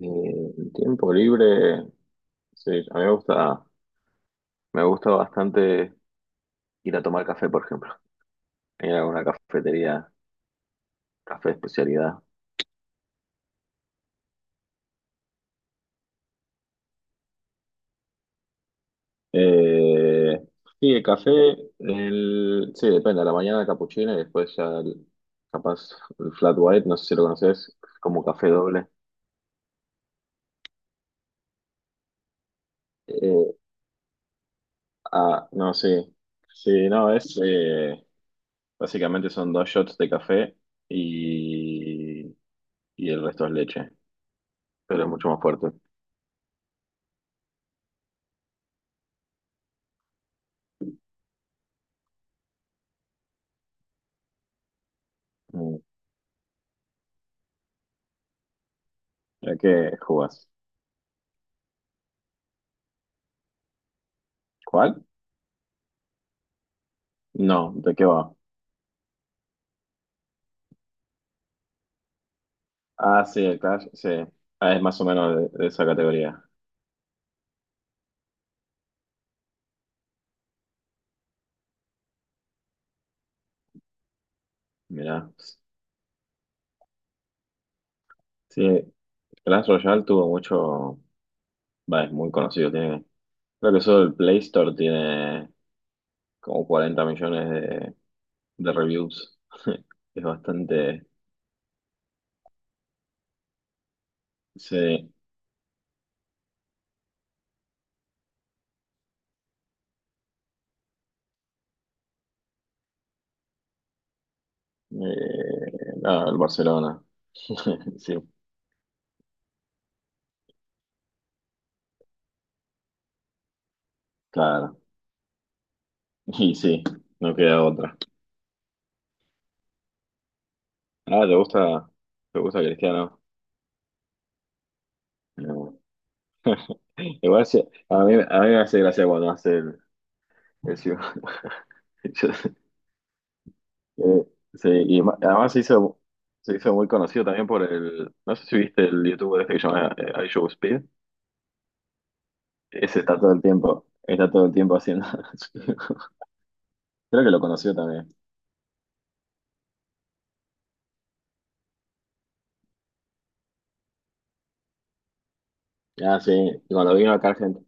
Eh, el tiempo libre, sí, a mí me gusta bastante ir a tomar café, por ejemplo, ir a una cafetería, café de especialidad. Eh, sí, el café, el, sí, depende, a la mañana el capuchino y después ya el- capaz el flat white, no sé si lo conoces, como café doble. Eh, no, sí, sí, no, es, básicamente son dos shots de café y, y el resto es leche, pero es mucho más fuerte. Mm. ¿De qué jugás? ¿Cuál? No, ¿de qué va? Ah, sí, el Clash, sí. Ah, es más o menos de esa categoría. Mirá. Sí, Clash Royale tuvo mucho. Va, es muy conocido. Tiene, creo que solo el Play Store tiene como 40 millones de reviews. Es bastante. Sí. El Barcelona. Sí, claro. Y sí, no queda otra. Ah, te gusta Cristiano? No. Igual se- a mí me hace gracia cuando hace el ciu- Yo- eh, sí, y ma- además se hizo muy conocido también por el, no sé si viste el youtuber este que se llama I Show Speed, ese está todo el tiempo, está todo el tiempo haciendo, creo que lo conoció también. Ah, sí, y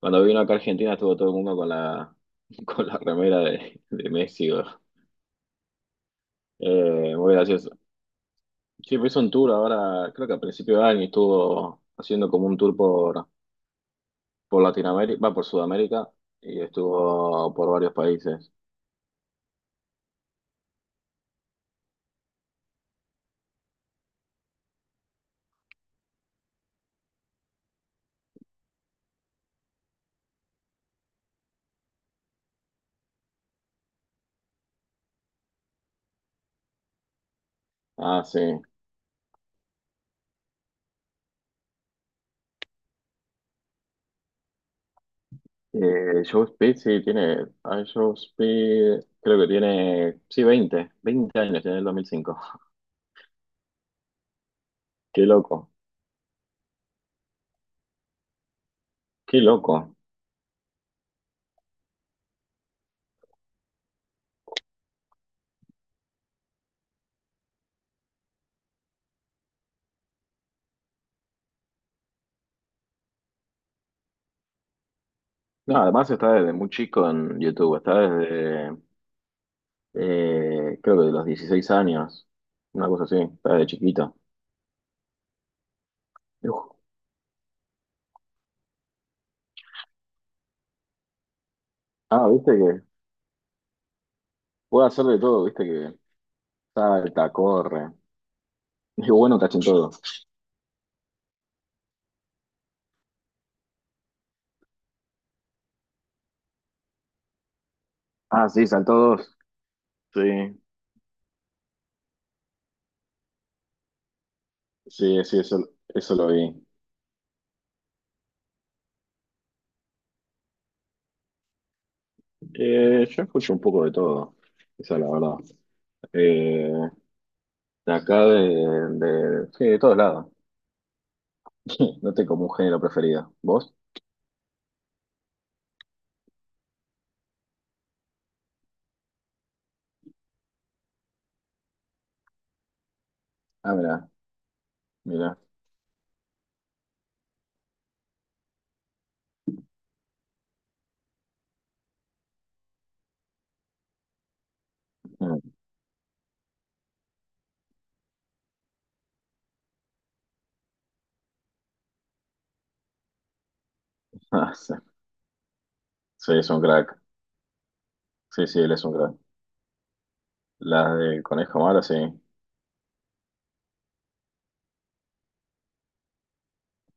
cuando vino acá a Argentina estuvo todo el mundo con la con la remera de Messi, bro. Muy gracioso. Sí, pues hizo un tour ahora, creo que a principio de año estuvo haciendo como un tour por Latinoamérica, va por Sudamérica y estuvo por varios países. Ah, sí. Joe Speed, creo que tiene. Sí, 20 años, tiene el 2005. Qué loco, qué loco. No, además está desde muy chico en YouTube. Está desde. Creo que de los 16 años. Una cosa así, está desde chiquito. Uf. Ah, viste que puede hacer de todo, viste que salta, corre. Es bueno, cachin todo. Ah, sí, saltó dos. Sí. Sí, sí, eso lo vi. Yo escucho un poco de todo, esa es la verdad. Eh, de acá, de, Sí, de todos lados. No tengo como un género preferido. ¿Vos? Ah, mirá, mirá. Mm. Ah, sí. Sí, es un crack. Sí, sí, él es un crack. La de Conejo Malo, sí.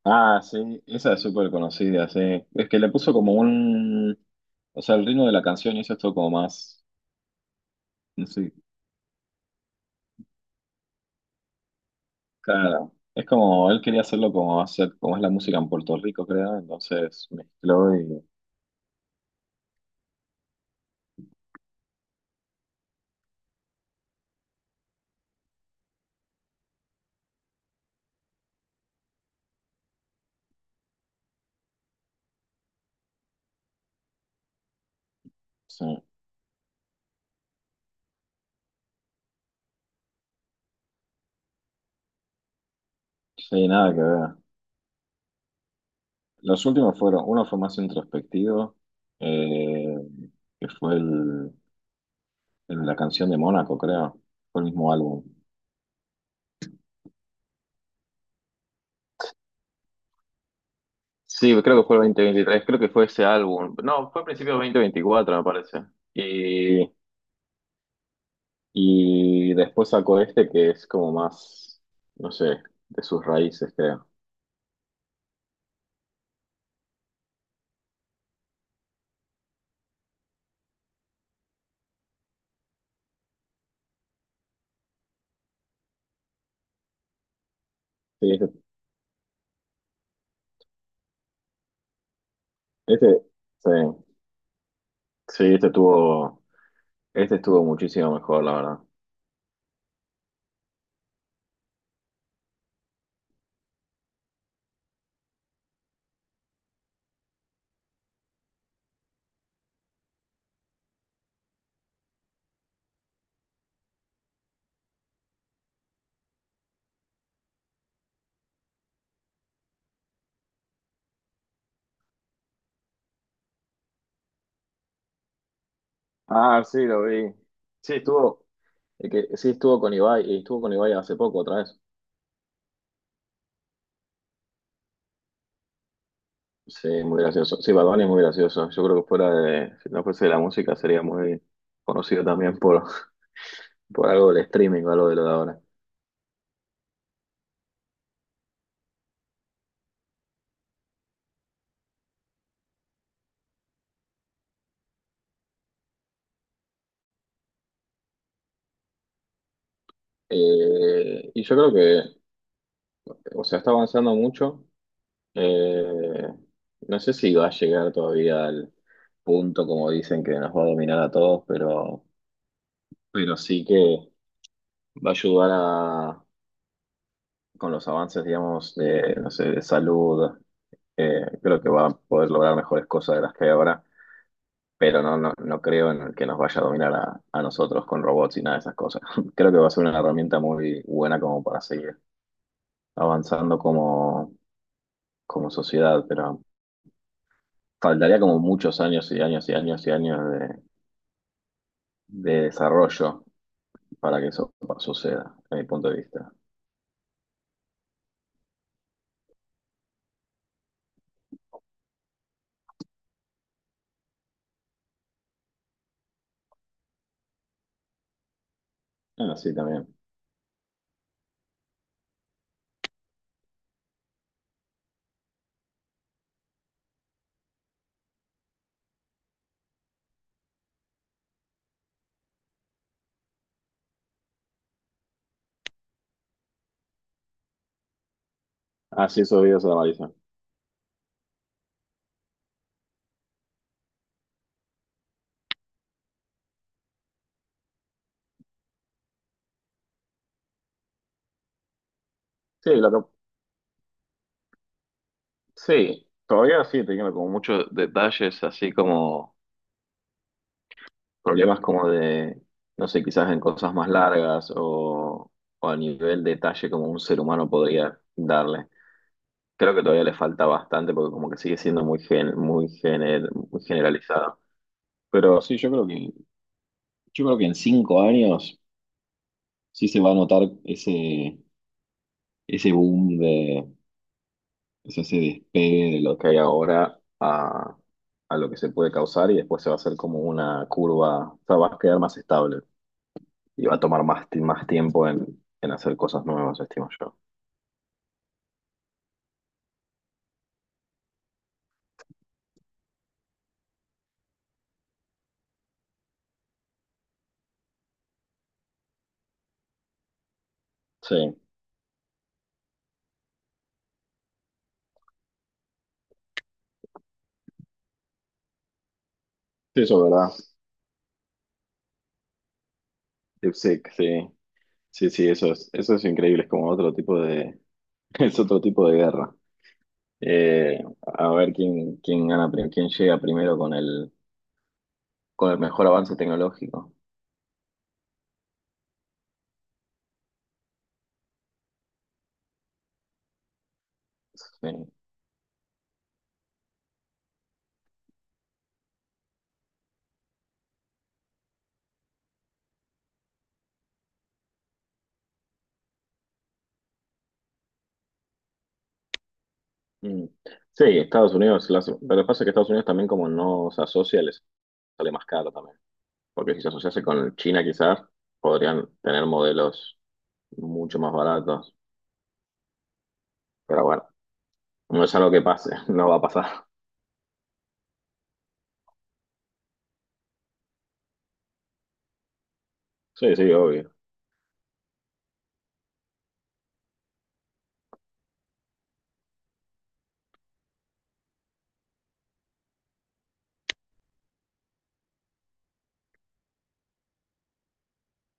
Ah, sí, esa es súper conocida, sí. Es que le puso como un... O sea, el ritmo de la canción hizo esto como más, no sé. Claro, es como él quería hacerlo como hacer, como es la música en Puerto Rico, creo, entonces mezcló y sí, sí, nada que ver. Los últimos fueron, uno fue más introspectivo, eh, que fue el, el- la canción de Mónaco, creo, fue el mismo álbum. Sí, creo que fue el 2023. Creo que fue ese álbum. No, fue a principios de 2024, me parece. Y, y después sacó este que es como más, no sé, de sus raíces, creo. Sí, este, este, sí. Sí, este estuvo muchísimo mejor, la verdad. Ah, sí, lo vi. Sí, estuvo, sí, estuvo con Ibai, y estuvo con Ibai hace poco otra vez. Sí, muy gracioso. Sí, Bad Bunny es muy gracioso. Yo creo que fuera de, si no fuese de la música, sería muy conocido también por, por algo del streaming o algo de lo de ahora. Yo creo que, o sea, está avanzando mucho. Eh, no sé si va a llegar todavía al punto, como dicen, que nos va a dominar a todos, pero sí que va a ayudar a, con los avances, digamos, de, no sé, de salud. Creo que va a poder lograr mejores cosas de las que hay ahora, pero no creo en que nos vaya a dominar a nosotros con robots y nada de esas cosas. Creo que va a ser una herramienta muy buena como para seguir avanzando como sociedad, pero faltaría como muchos años y años y años y años de desarrollo para que eso suceda, desde mi punto de vista. Así también. Así esos videos de la Marisa. Sí, lo que Sí, todavía sí, teniendo como muchos detalles, así como problemas no sé, quizás en cosas más largas o a nivel detalle como un ser humano podría darle. Creo que todavía le falta bastante porque como que sigue siendo muy gen- muy gener- muy generalizado. Pero sí, yo creo que en 5 años sí se va a notar ese boom, ese se despegue de lo que hay ahora a lo que se puede causar y después se va a hacer como una curva, o sea, va a quedar más estable y va a tomar más, ti- más tiempo en hacer cosas nuevas, estimo yo. Sí, sí, eso es verdad. DeepSeek, sí, sí, sí, eso es increíble, es como otro tipo de, es otro tipo de guerra. Eh, quién gana, pri- quién llega primero con el mejor avance tecnológico. Sí. Mm. Sí, lo que pasa es que Estados Unidos también como no se asocia, les sale más caro también, porque si se asociase con China quizás podrían tener modelos mucho más baratos, pero bueno, no es algo que pase, no va a pasar. Sí, sí, obvio.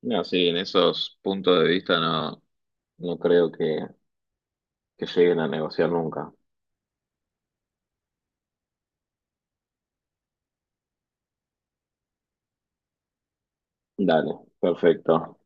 No, sí, en esos puntos de vista no, no creo que lleguen a negociar nunca. Dale, perfecto.